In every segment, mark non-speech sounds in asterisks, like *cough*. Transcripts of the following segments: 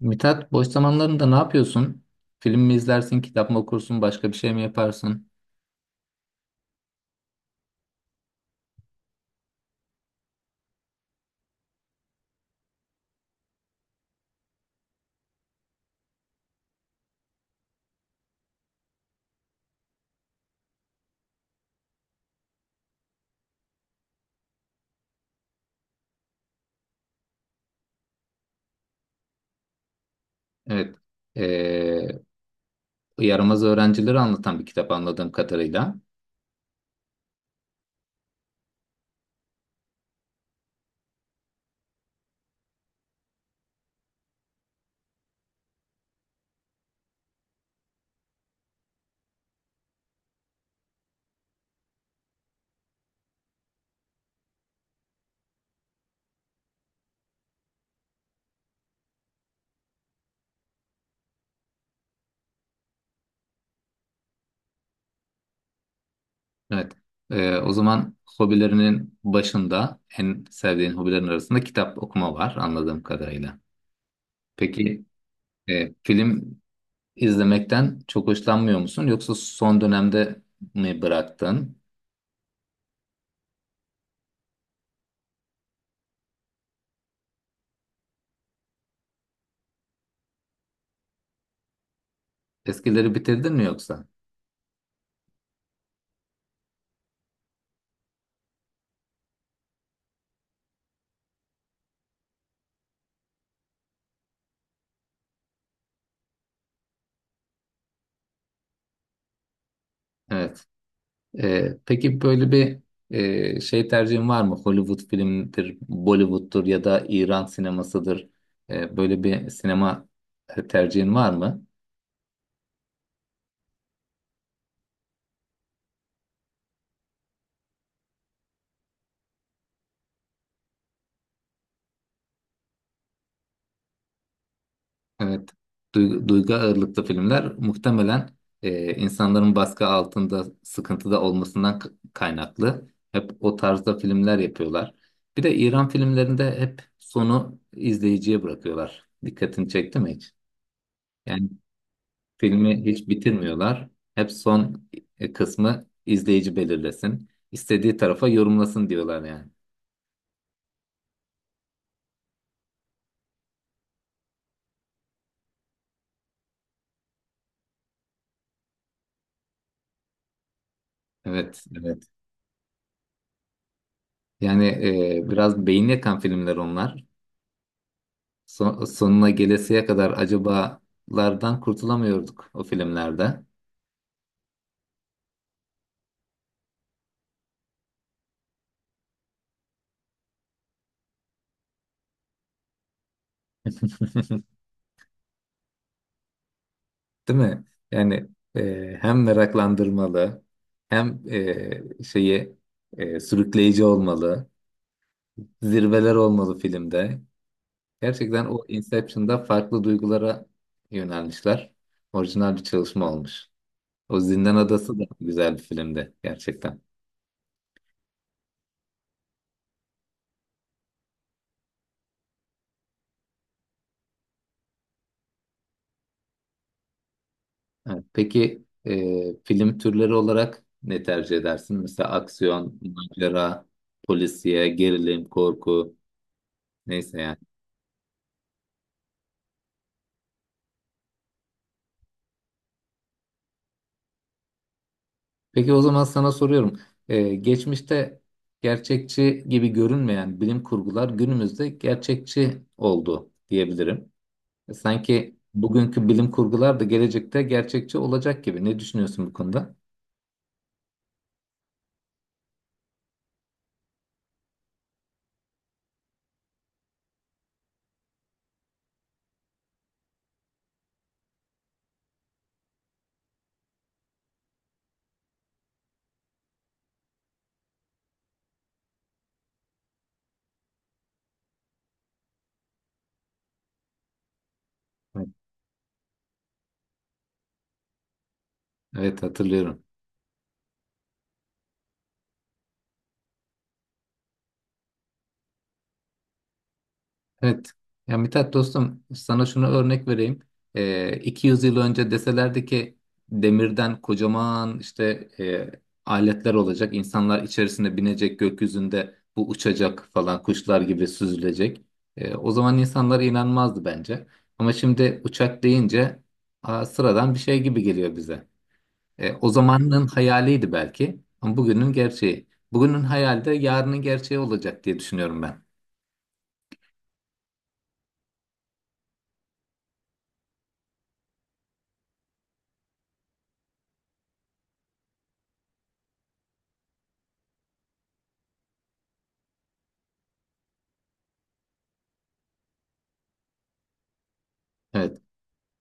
Mithat, boş zamanlarında ne yapıyorsun? Film mi izlersin, kitap mı okursun, başka bir şey mi yaparsın? Evet. Ee, Yaramaz öğrencileri anlatan bir kitap anladığım kadarıyla. Evet. O zaman hobilerinin başında, en sevdiğin hobilerin arasında kitap okuma var anladığım kadarıyla. Peki, film izlemekten çok hoşlanmıyor musun? Yoksa son dönemde mi bıraktın? Eskileri bitirdin mi yoksa? Evet. Peki, böyle bir şey tercihin var mı? Hollywood filmidir, Bollywood'dur ya da İran sinemasıdır. Böyle bir sinema tercihin var mı? Evet. Duygu, duygu ağırlıklı filmler muhtemelen insanların baskı altında, sıkıntıda olmasından kaynaklı. Hep o tarzda filmler yapıyorlar. Bir de İran filmlerinde hep sonu izleyiciye bırakıyorlar. Dikkatini çekti mi hiç? Yani, filmi hiç bitirmiyorlar. Hep son kısmı izleyici belirlesin. İstediği tarafa yorumlasın diyorlar yani. Evet, evet. Yani biraz beyin yakan filmler onlar. Son- sonuna gelesiye kadar acabalardan kurtulamıyorduk o filmlerde. *laughs* Değil mi? Yani hem meraklandırmalı, hem e, şeyi sürükleyici olmalı. Zirveler olmalı filmde. Gerçekten o Inception'da farklı duygulara yönelmişler. Orijinal bir çalışma olmuş. O Zindan Adası da güzel bir filmdi gerçekten. Evet. Peki, film türleri olarak ne tercih edersin? Mesela aksiyon, macera, polisiye, gerilim, korku, neyse yani. Peki, o zaman sana soruyorum. E, geçmişte gerçekçi gibi görünmeyen bilim kurgular günümüzde gerçekçi oldu diyebilirim. E, sanki bugünkü bilim kurgular da gelecekte gerçekçi olacak gibi. Ne düşünüyorsun bu konuda? Evet, evet, hatırlıyorum. Evet. Ya Mithat dostum, sana şunu örnek vereyim. 200 yıl önce deselerdi ki demirden kocaman işte aletler olacak, insanlar içerisine binecek, gökyüzünde bu uçacak falan, kuşlar gibi süzülecek. O zaman insanlar inanmazdı bence. Ama şimdi uçak deyince, aa, sıradan bir şey gibi geliyor bize. O zamanın hayaliydi belki ama bugünün gerçeği. Bugünün hayali de yarının gerçeği olacak diye düşünüyorum ben. Evet.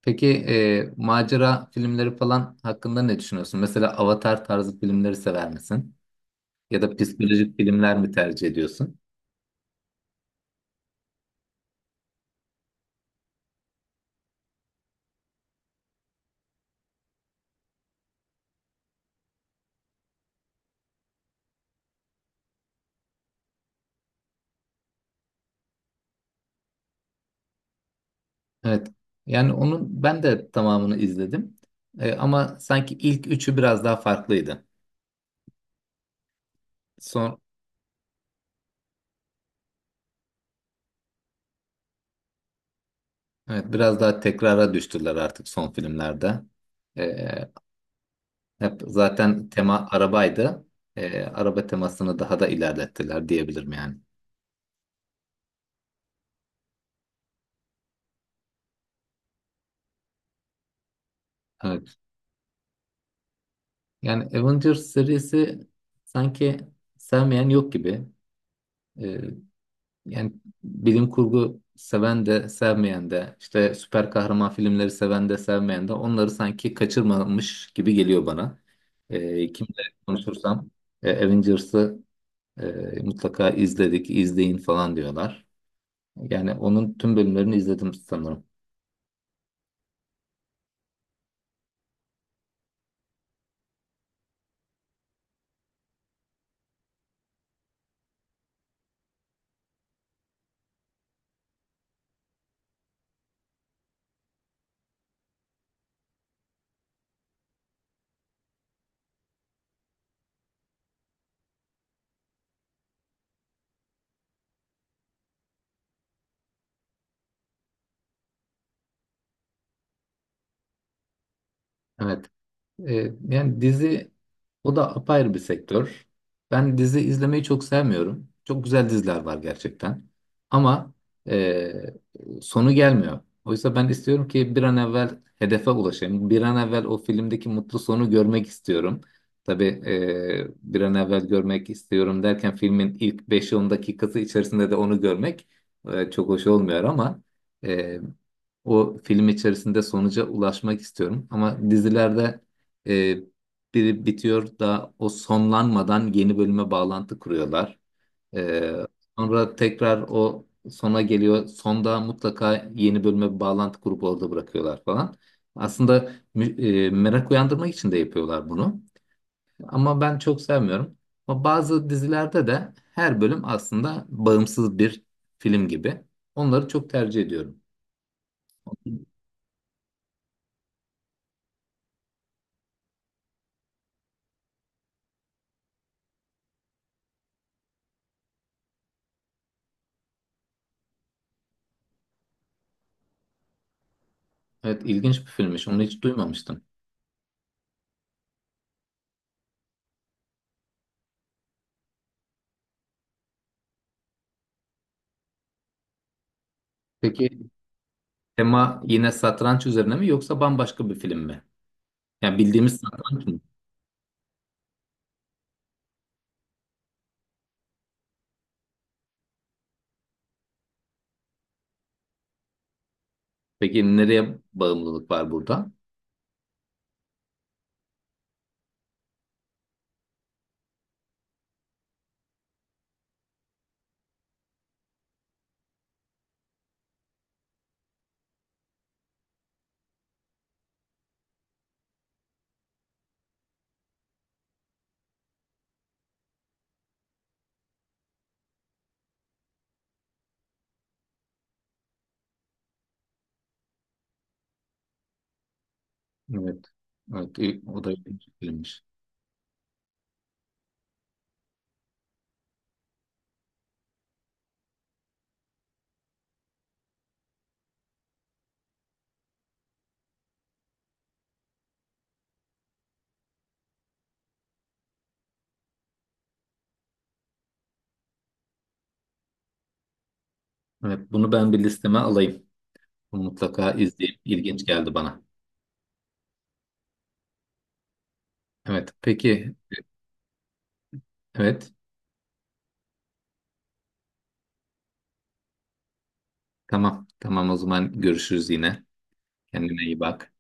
Peki, macera filmleri falan hakkında ne düşünüyorsun? Mesela Avatar tarzı filmleri sever misin? Ya da psikolojik filmler mi tercih ediyorsun? Evet. Yani onun ben de tamamını izledim. E, ama sanki ilk üçü biraz daha farklıydı. Son, evet, biraz daha tekrara düştüler artık son filmlerde. E, hep zaten tema arabaydı. Araba temasını daha da ilerlettiler diyebilirim yani. Evet. Yani Avengers serisi, sanki sevmeyen yok gibi. Ee, yani bilim kurgu seven de sevmeyen de, işte süper kahraman filmleri seven de sevmeyen de, onları sanki kaçırmamış gibi geliyor bana. Kimle konuşursam Avengers'ı mutlaka izledik, izleyin falan diyorlar. Yani onun tüm bölümlerini izledim sanırım. Evet. E, yani dizi, o da apayrı bir sektör. Ben dizi izlemeyi çok sevmiyorum. Çok güzel diziler var gerçekten. Ama e, sonu gelmiyor. Oysa ben istiyorum ki bir an evvel hedefe ulaşayım. Bir an evvel o filmdeki mutlu sonu görmek istiyorum. Tabii bir an evvel görmek istiyorum derken filmin ilk beş 10 dakikası içerisinde de onu görmek çok hoş olmuyor ama e, o film içerisinde sonuca ulaşmak istiyorum. Ama dizilerde e, biri bitiyor da o sonlanmadan yeni bölüme bağlantı kuruyorlar. E, Sonra tekrar o sona geliyor. Sonda mutlaka yeni bölüme bir bağlantı kurup orada bırakıyorlar falan. Aslında merak uyandırmak için de yapıyorlar bunu. Ama ben çok sevmiyorum. Ama bazı dizilerde de her bölüm aslında bağımsız bir film gibi. Onları çok tercih ediyorum. Evet, ilginç bir filmmiş. Onu hiç duymamıştım. Peki, tema yine satranç üzerine mi yoksa bambaşka bir film mi? Yani bildiğimiz satranç mı? Peki, nereye bağımlılık var burada? Evet. Evet, o da ilginç bir filmmiş. Evet, bunu ben bir listeme alayım. Bunu mutlaka izleyeyim. İlginç geldi bana. Evet, peki. Evet, tamam. Tamam, o zaman görüşürüz yine. Kendine iyi bak.